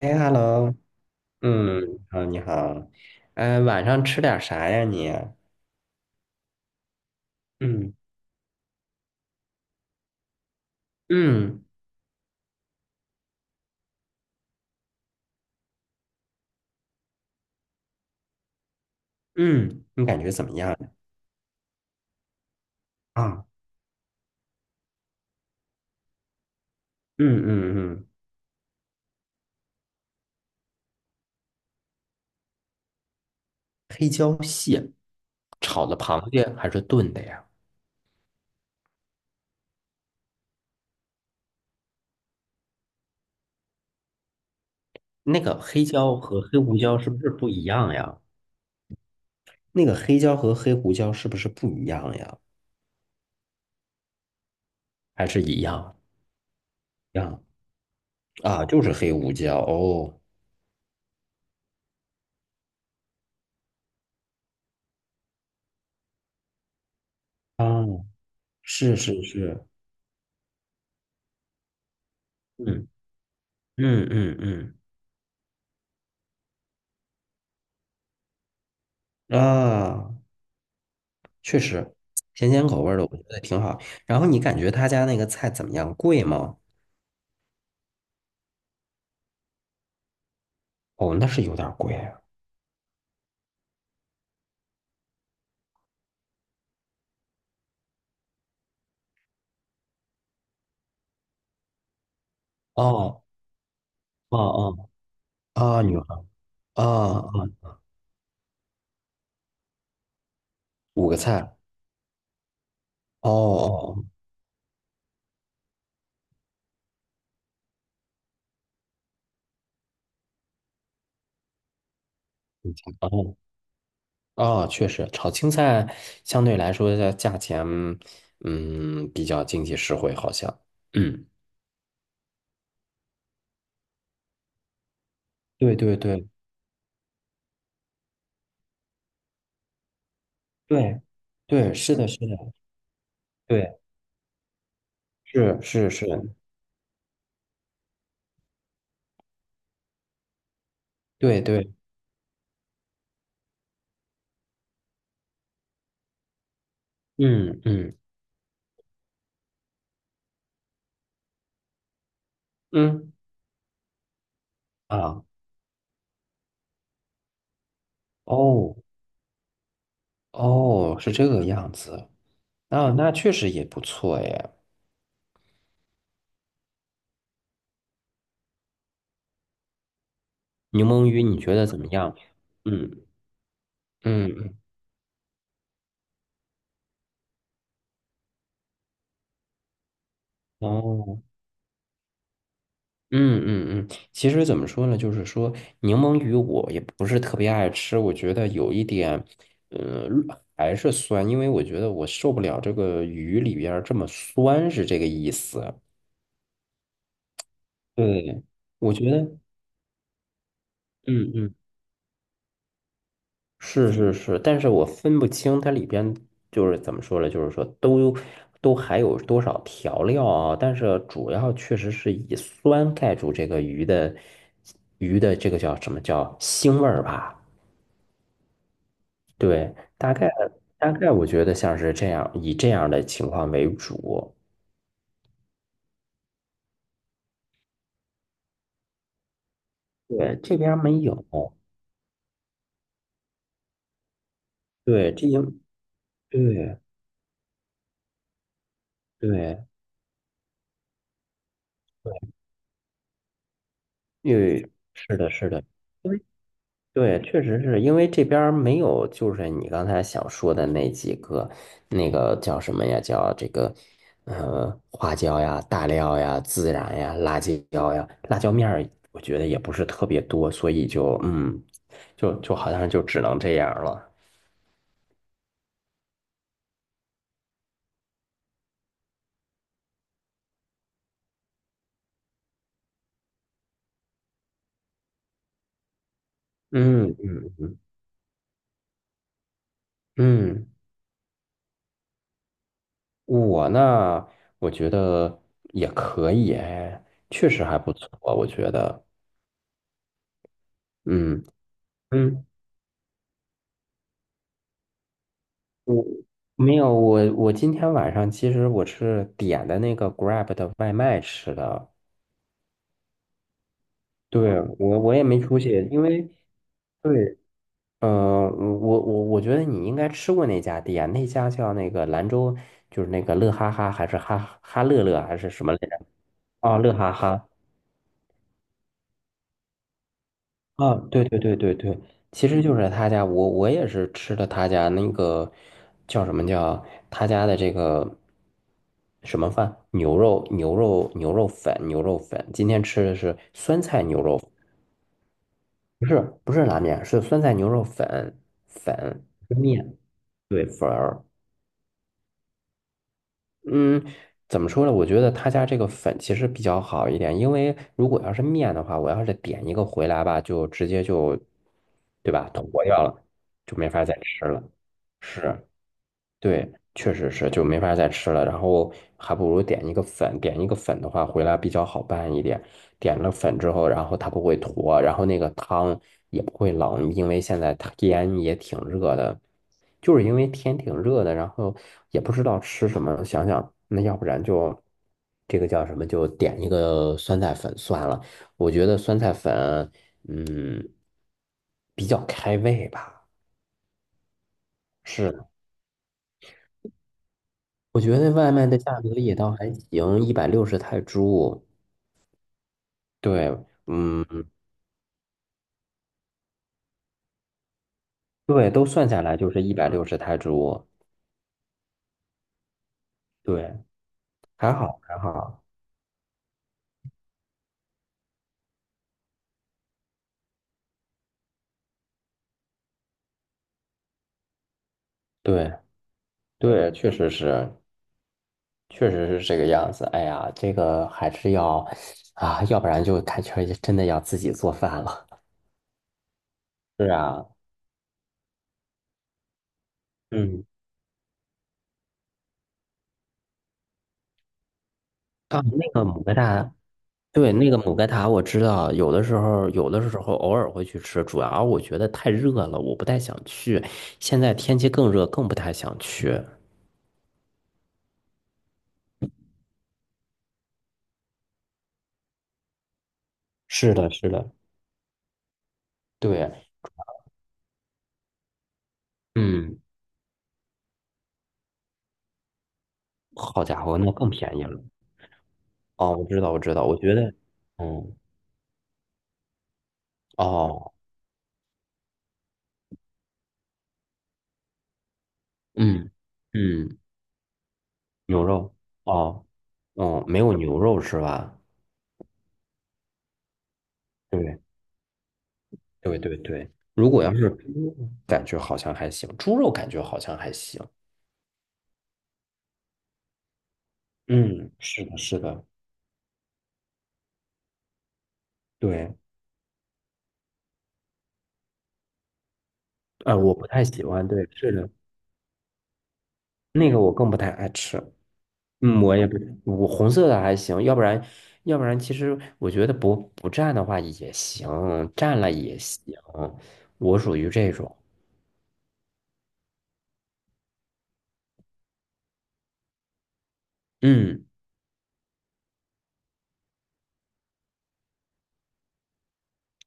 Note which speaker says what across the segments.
Speaker 1: 哎，hello，嗯，好，你好，嗯，晚上吃点啥呀你？嗯嗯嗯，你感觉怎么样呀？啊，嗯嗯嗯，黑椒蟹，炒的螃蟹还是炖的呀？那个黑椒和黑胡椒是不是不一样呀？那个黑椒和黑胡椒是不是不一样呀？还是一样？一样啊，就是黑胡椒哦。啊，是是是，嗯嗯嗯嗯，啊。确实，咸咸口味儿的我觉得挺好。然后你感觉他家那个菜怎么样？贵吗？哦，那是有点儿贵啊。哦，哦哦啊，女孩啊啊，五个菜。哦哦哦哦，哦，确实，炒青菜相对来说的价钱，嗯，比较经济实惠，好像。嗯，对对对对对，是的，是的，对，是是是，对对，嗯嗯嗯啊，哦。哦，是这个样子，啊，那确实也不错哎。柠檬鱼，你觉得怎么样？嗯嗯嗯，哦，嗯嗯嗯。其实怎么说呢，就是说柠檬鱼我也不是特别爱吃，我觉得有一点，呃，还是酸，因为我觉得我受不了这个鱼里边儿这么酸，是这个意思。对，我觉得，嗯嗯。是是是，但是我分不清它里边就是怎么说呢，就是说都还有多少调料啊，但是主要确实是以酸盖住这个鱼的这个叫什么叫腥味儿吧？对，大概我觉得像是这样，以这样的情况为主。对，这边儿没有。对，这应对对对，因为是的，是的。因为。对，确实是因为这边儿没有，就是你刚才想说的那几个，那个叫什么呀？叫这个，花椒呀、大料呀、孜然呀、辣椒呀、辣椒面儿，我觉得也不是特别多，所以就嗯，就好像就只能这样了。嗯嗯嗯，我呢，我觉得也可以，哎，确实还不错，我觉得，嗯嗯。我没有，我今天晚上其实我是点的那个 Grab 的外卖吃的，对，我也没出去，因为对，嗯，我觉得你应该吃过那家店，那家叫那个兰州，就是那个乐哈哈还是哈哈乐乐还是什么来着？哦，乐哈哈，啊，对对对对对，其实就是他家，我也是吃的他家那个叫什么叫他家的这个什么饭，牛肉粉，今天吃的是酸菜牛肉，不是不是拉面，是酸菜牛肉粉粉是面，对粉儿。嗯，怎么说呢？我觉得他家这个粉其实比较好一点，因为如果要是面的话，我要是点一个回来吧，就直接就，对吧，坨掉了，就没法再吃了。是，对，确实是，就没法再吃了。然后还不如点一个粉，点一个粉的话，回来比较好拌一点。点了粉之后，然后它不会坨，然后那个汤也不会冷，因为现在天也挺热的，就是因为天挺热的，然后也不知道吃什么，想想那要不然就这个叫什么，就点一个酸菜粉算了。我觉得酸菜粉，嗯，比较开胃吧，是。我觉得外卖的价格也倒还行，一百六十泰铢。对，嗯，对，都算下来就是一百六十泰铢。对，还好还好。对对，确实是，确实是这个样子。哎呀，这个还是要啊，要不然就感觉真的要自己做饭了。是啊，嗯，到那个某个大，对，那个姆盖塔我知道，有的时候偶尔会去吃，主要我觉得太热了，我不太想去。现在天气更热，更不太想去。是的，是的，对，嗯，好家伙，那更便宜了。哦，我知道，我知道，我觉得，嗯，哦，嗯嗯，牛肉，哦，哦，没有牛肉是吧？对对对对，如果要是猪肉，感觉好像还行，猪肉感觉好像还行。嗯，是的，是的，对。啊，我不太喜欢，对，是的，那个我更不太爱吃。嗯，我也不，我红色的还行，要不然，要不然，其实我觉得不蘸的话也行，蘸了也行，我属于这种。嗯，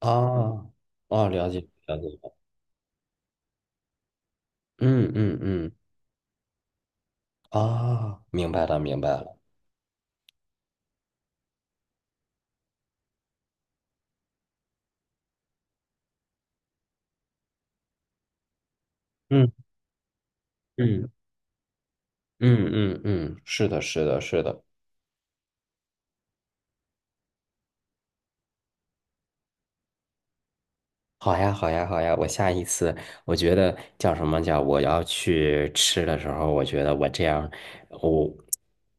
Speaker 1: 啊，哦，了解了解了，嗯嗯嗯，啊，明白了明白了，嗯嗯嗯嗯嗯，是的，是的，是的。好呀，好呀，好呀！我下一次，我觉得叫什么叫我要去吃的时候，我觉得我这样，我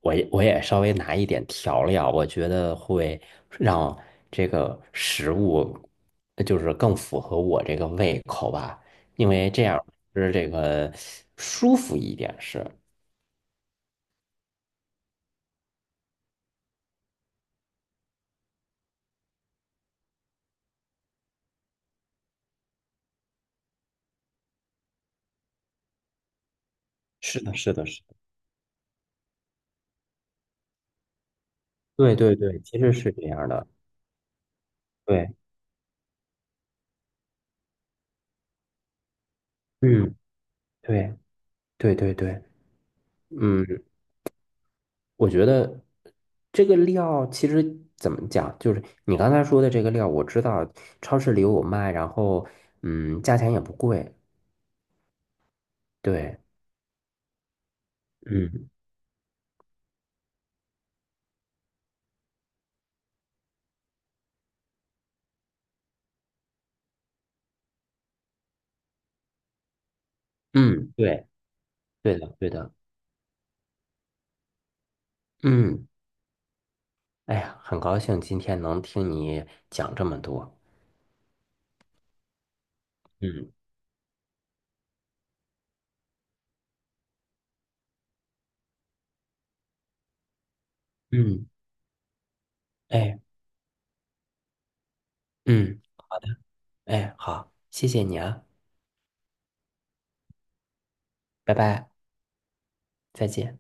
Speaker 1: 我也稍微拿一点调料，我觉得会让这个食物就是更符合我这个胃口吧，因为这样吃这个舒服一点是。是的，是的，是的。对对对，其实是这样的。对，嗯，对对对对，嗯。我觉得这个料其实怎么讲，就是你刚才说的这个料，我知道超市里有卖，然后嗯，价钱也不贵。对，嗯嗯，对，对的，对的，嗯，哎呀，很高兴今天能听你讲这么多。嗯嗯，哎嗯哎，好，谢谢你啊，拜拜，再见。